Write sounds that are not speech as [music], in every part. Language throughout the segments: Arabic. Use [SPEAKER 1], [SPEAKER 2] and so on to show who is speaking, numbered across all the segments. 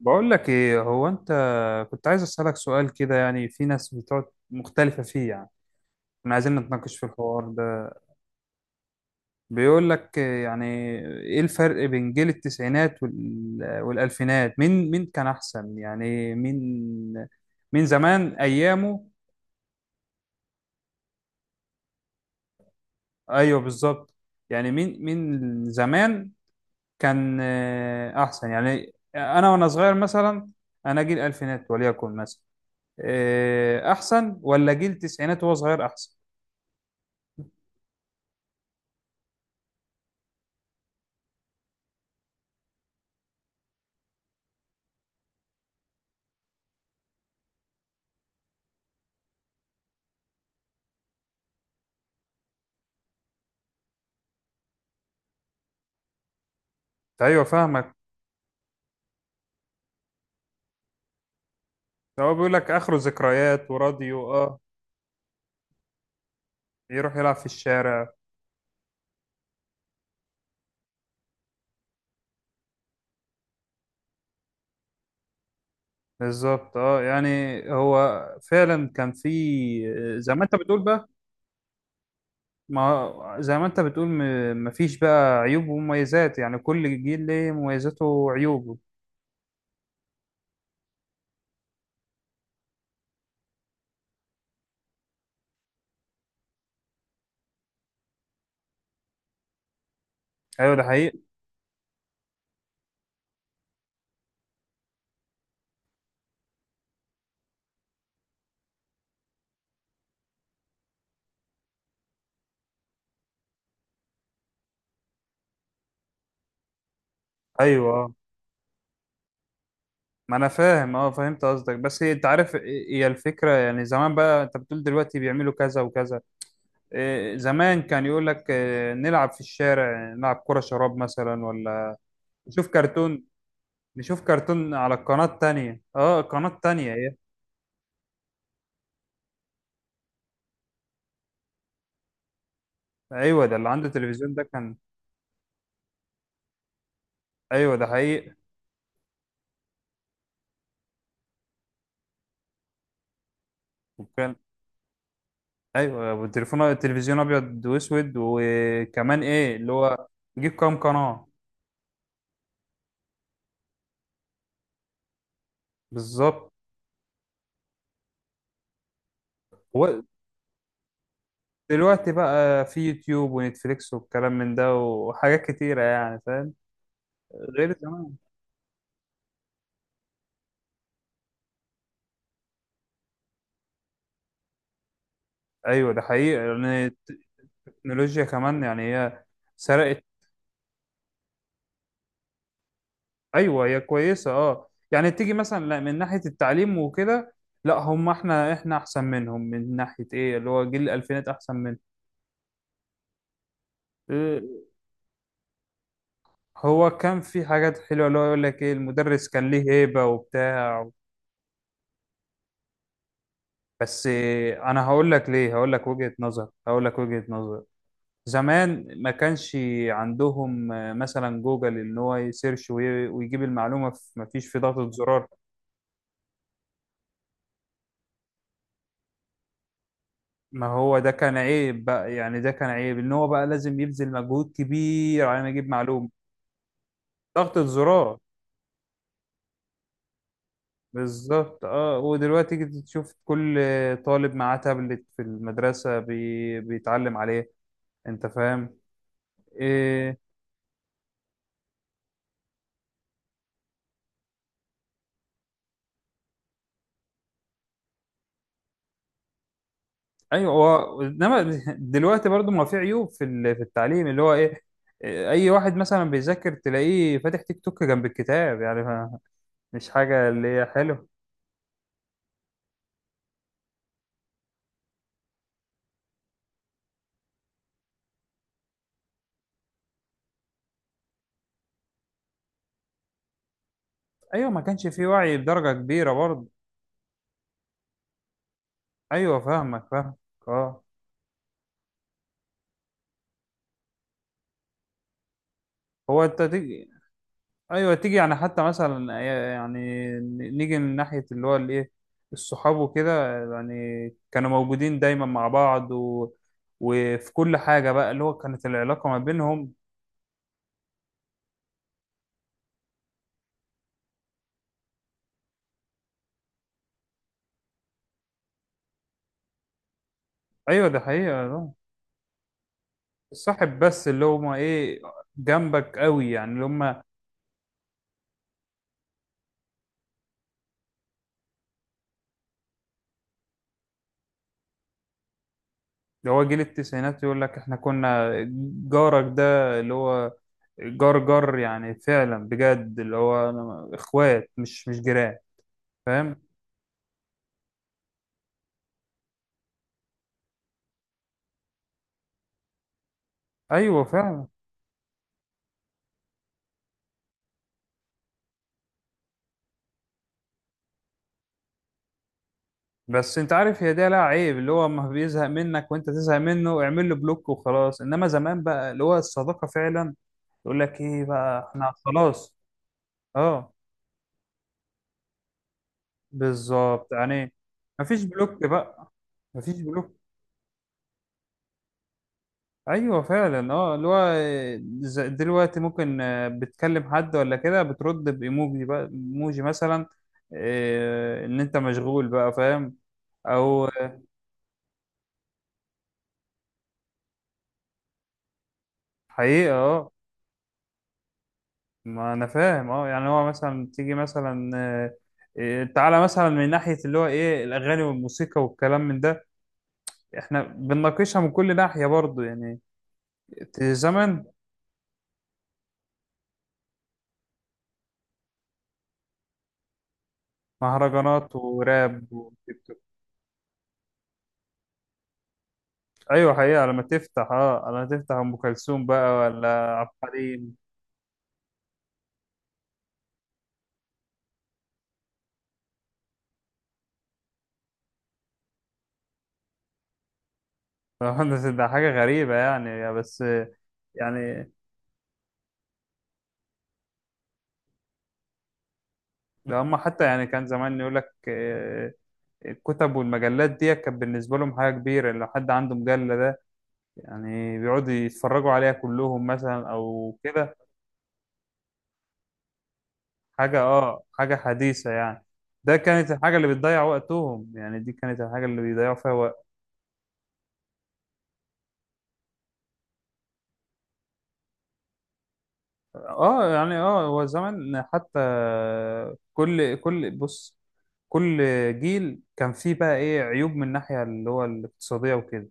[SPEAKER 1] بقول لك ايه. هو انت كنت عايز اسالك سؤال كده، يعني في ناس بتقعد مختلفه فيه يعني. كنا عايزين نتناقش في الحوار ده. بيقول لك إيه، يعني ايه الفرق بين جيل التسعينات وال- والالفينات؟ مين كان احسن؟ يعني مين زمان ايامه؟ ايوه بالظبط. يعني مين زمان كان احسن؟ يعني انا وانا صغير مثلا، انا جيل الفينات وليكن مثلا احسن، ولا جيل التسعينات وهو صغير احسن؟ ايوه فاهمك. هو بيقول لك اخره ذكريات وراديو، اه يروح يلعب في الشارع. بالظبط، اه يعني هو فعلا كان، في زي ما انت بتقول بقى. ما زي ما انت بتقول، مفيش بقى عيوب ومميزات، يعني كل جيل ليه مميزاته وعيوبه. ايوه ده حقيقي. ايوه آه. ما انا فاهم، اه فهمت قصدك، بس انت عارف هي الفكره. يعني زمان، بقى انت بتقول دلوقتي بيعملوا كذا وكذا، زمان كان يقول لك إيه، نلعب في الشارع، نلعب كرة شراب مثلا، ولا نشوف كرتون، نشوف كرتون على القناة التانية. اه القناة التانية ايه. ايوه ده اللي عنده تلفزيون، ده كان ايوه. ده حقيقي. وكان، ايوه والتليفون، التلفزيون ابيض واسود، وكمان ايه اللي هو تجيب كام قناة؟ بالظبط. هو دلوقتي بقى في يوتيوب ونتفليكس، والكلام من ده وحاجات كتيرة يعني، فاهم غير زمان. ايوه ده حقيقي يعني. التكنولوجيا كمان، يعني هي سرقت. ايوه هي كويسه اه، يعني تيجي مثلا لا من ناحيه التعليم وكده. لا، هم احنا احسن منهم من ناحيه ايه اللي هو جيل الالفينات احسن منه. إيه، هو كان في حاجات حلوه، اللي هو يقول لك ايه، المدرس كان ليه هيبه وبتاع. بس إيه، انا هقول لك ليه، هقول لك وجهه نظر، هقول لك وجهه نظر. زمان ما كانش عندهم مثلا جوجل ان هو يسيرش وي- ويجيب المعلومه ما فيش في ضغطه زرار. ما هو ده كان عيب بقى، يعني ده كان عيب ان هو بقى لازم يبذل مجهود كبير على ما يجيب معلومة. ضغطة زرار. بالظبت اه. ودلوقتي تيجي تشوف كل طالب معاه تابلت في المدرسة، بيتعلم عليه. انت فاهم. إيه... ايوه، هو انما دلوقتي برضو ما في عيوب في في التعليم، اللي هو ايه، إيه، اي واحد مثلا بيذاكر تلاقيه فاتح تيك توك جنب الكتاب، يعني مش حاجة اللي هي حلوة. ايوه ما كانش في وعي بدرجة كبيرة برضه. ايوه فاهمك. اه. هو انت تيجي، ايوه تيجي يعني حتى مثلا، يعني نيجي من ناحيه اللي هو الايه، الصحاب وكده يعني. كانوا موجودين دايما مع بعض و... وفي كل حاجه بقى اللي هو، كانت العلاقه ما بينهم. ايوه ده حقيقه آه. الصاحب بس اللي هما ايه، جنبك قوي يعني اللي هما. اللي هو جيل التسعينات يقول لك احنا كنا جارك، ده اللي هو جار جار يعني، فعلا بجد اللي هو اخوات، مش جيران، فاهم. ايوه فعلا. بس انت عارف هي ده لها عيب، اللي هو اما بيزهق منك وانت تزهق منه اعمل له بلوك وخلاص. انما زمان بقى، اللي هو الصداقه فعلا، يقول لك ايه بقى احنا خلاص، اه بالظبط يعني. مفيش بلوك بقى، مفيش بلوك. ايوه فعلا. اه اللي هو، دلوقتي ممكن بتكلم حد ولا كده، بترد بايموجي بقى، ايموجي مثلا، ان انت مشغول بقى، فاهم. او حقيقة اه. ما انا فاهم اه، يعني هو مثلا تيجي مثلا تعالى مثلا من ناحية اللي هو ايه، الاغاني والموسيقى والكلام من ده. احنا بنناقشها من كل ناحية برضو يعني. زمن مهرجانات وراب وتيك توك. ايوه حقيقة. لما تفتح اه، لما تفتح ام كلثوم بقى، ولا عبد الحليم. [laughs] طبعاً ده حاجة غريبة يعني، بس يعني. لو هم حتى، يعني كان زمان يقول لك الكتب والمجلات دي كانت بالنسبة لهم حاجة كبيرة، لو حد عنده مجلة ده، يعني بيقعدوا يتفرجوا عليها كلهم مثلا او كده. حاجة اه، حاجة حديثة يعني. ده كانت الحاجة اللي بتضيع وقتهم، يعني دي كانت الحاجة اللي بيضيعوا فيها وقت. اه يعني، اه هو زمان حتى كل بص، كل جيل كان فيه بقى ايه عيوب، من الناحية اللي هو الاقتصادية وكده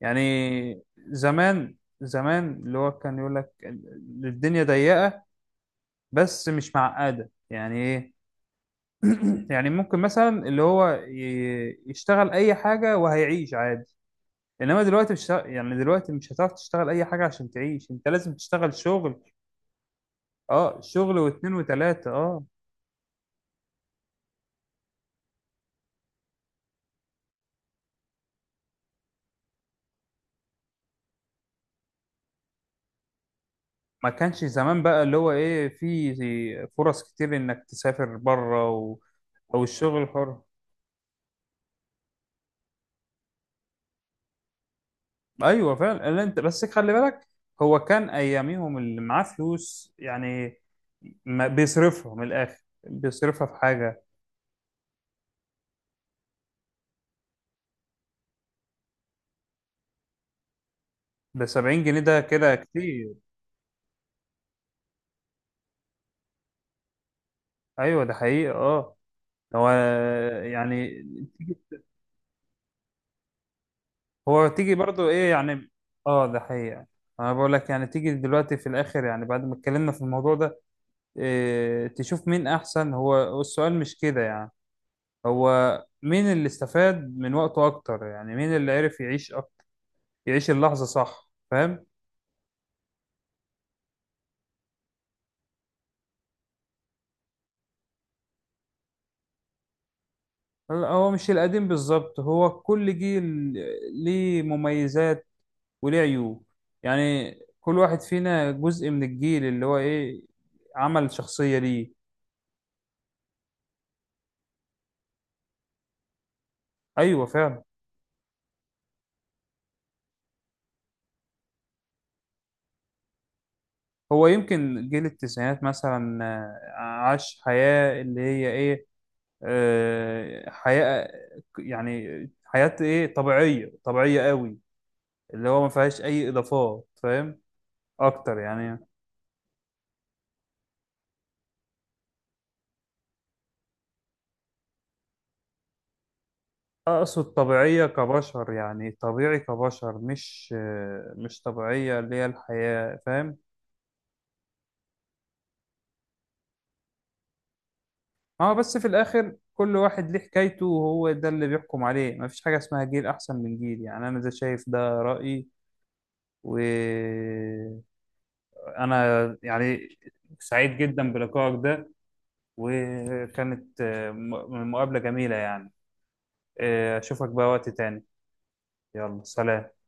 [SPEAKER 1] يعني. زمان زمان اللي هو كان يقول لك الدنيا ضيقة، بس مش معقدة. يعني ايه، [clears throat] يعني ممكن مثلا اللي هو يشتغل اي حاجه وهيعيش عادي. انما دلوقتي مش ه- يعني دلوقتي مش هتعرف تشتغل اي حاجه عشان تعيش، انت لازم تشتغل شغل اه، شغل واتنين وتلاته اه. ما كانش زمان بقى اللي هو ايه، في فرص كتير انك تسافر بره و... او الشغل حر. ايوه فعلا. اللي انت بس خلي بالك، هو كان اياميهم اللي معاه فلوس يعني ما بيصرفها من الاخر، بيصرفها في حاجه. ب 70 جنيه ده كده كتير. ايوه ده حقيقي اه. هو يعني تيجي، هو تيجي برضو ايه يعني. اه ده حقيقي. انا بقول لك يعني، تيجي دلوقتي في الاخر يعني، بعد ما اتكلمنا في الموضوع ده، إيه تشوف مين احسن، هو السؤال مش كده يعني، هو مين اللي استفاد من وقته اكتر؟ يعني مين اللي عرف يعيش أكتر، يعيش اللحظة، صح فاهم. لا، هو مش القديم بالظبط، هو كل جيل ليه مميزات وليه عيوب. يعني كل واحد فينا جزء من الجيل اللي هو ايه، عمل شخصية ليه. ايوه فعلا. هو يمكن جيل التسعينات مثلا عاش حياة اللي هي ايه حياة، يعني حياة ايه، طبيعية قوي، اللي هو ما فيهاش اي اضافات، فاهم اكتر يعني. اقصد طبيعية كبشر، يعني طبيعي كبشر، مش طبيعية اللي هي الحياة، فاهم. اه بس في الاخر كل واحد ليه حكايته، وهو ده اللي بيحكم عليه. مفيش حاجة اسمها جيل احسن من جيل، يعني انا ده شايف، ده رأيي وانا يعني. سعيد جدا بلقائك ده، وكانت مقابلة جميلة يعني. اشوفك بقى وقت تاني. يلا سلام.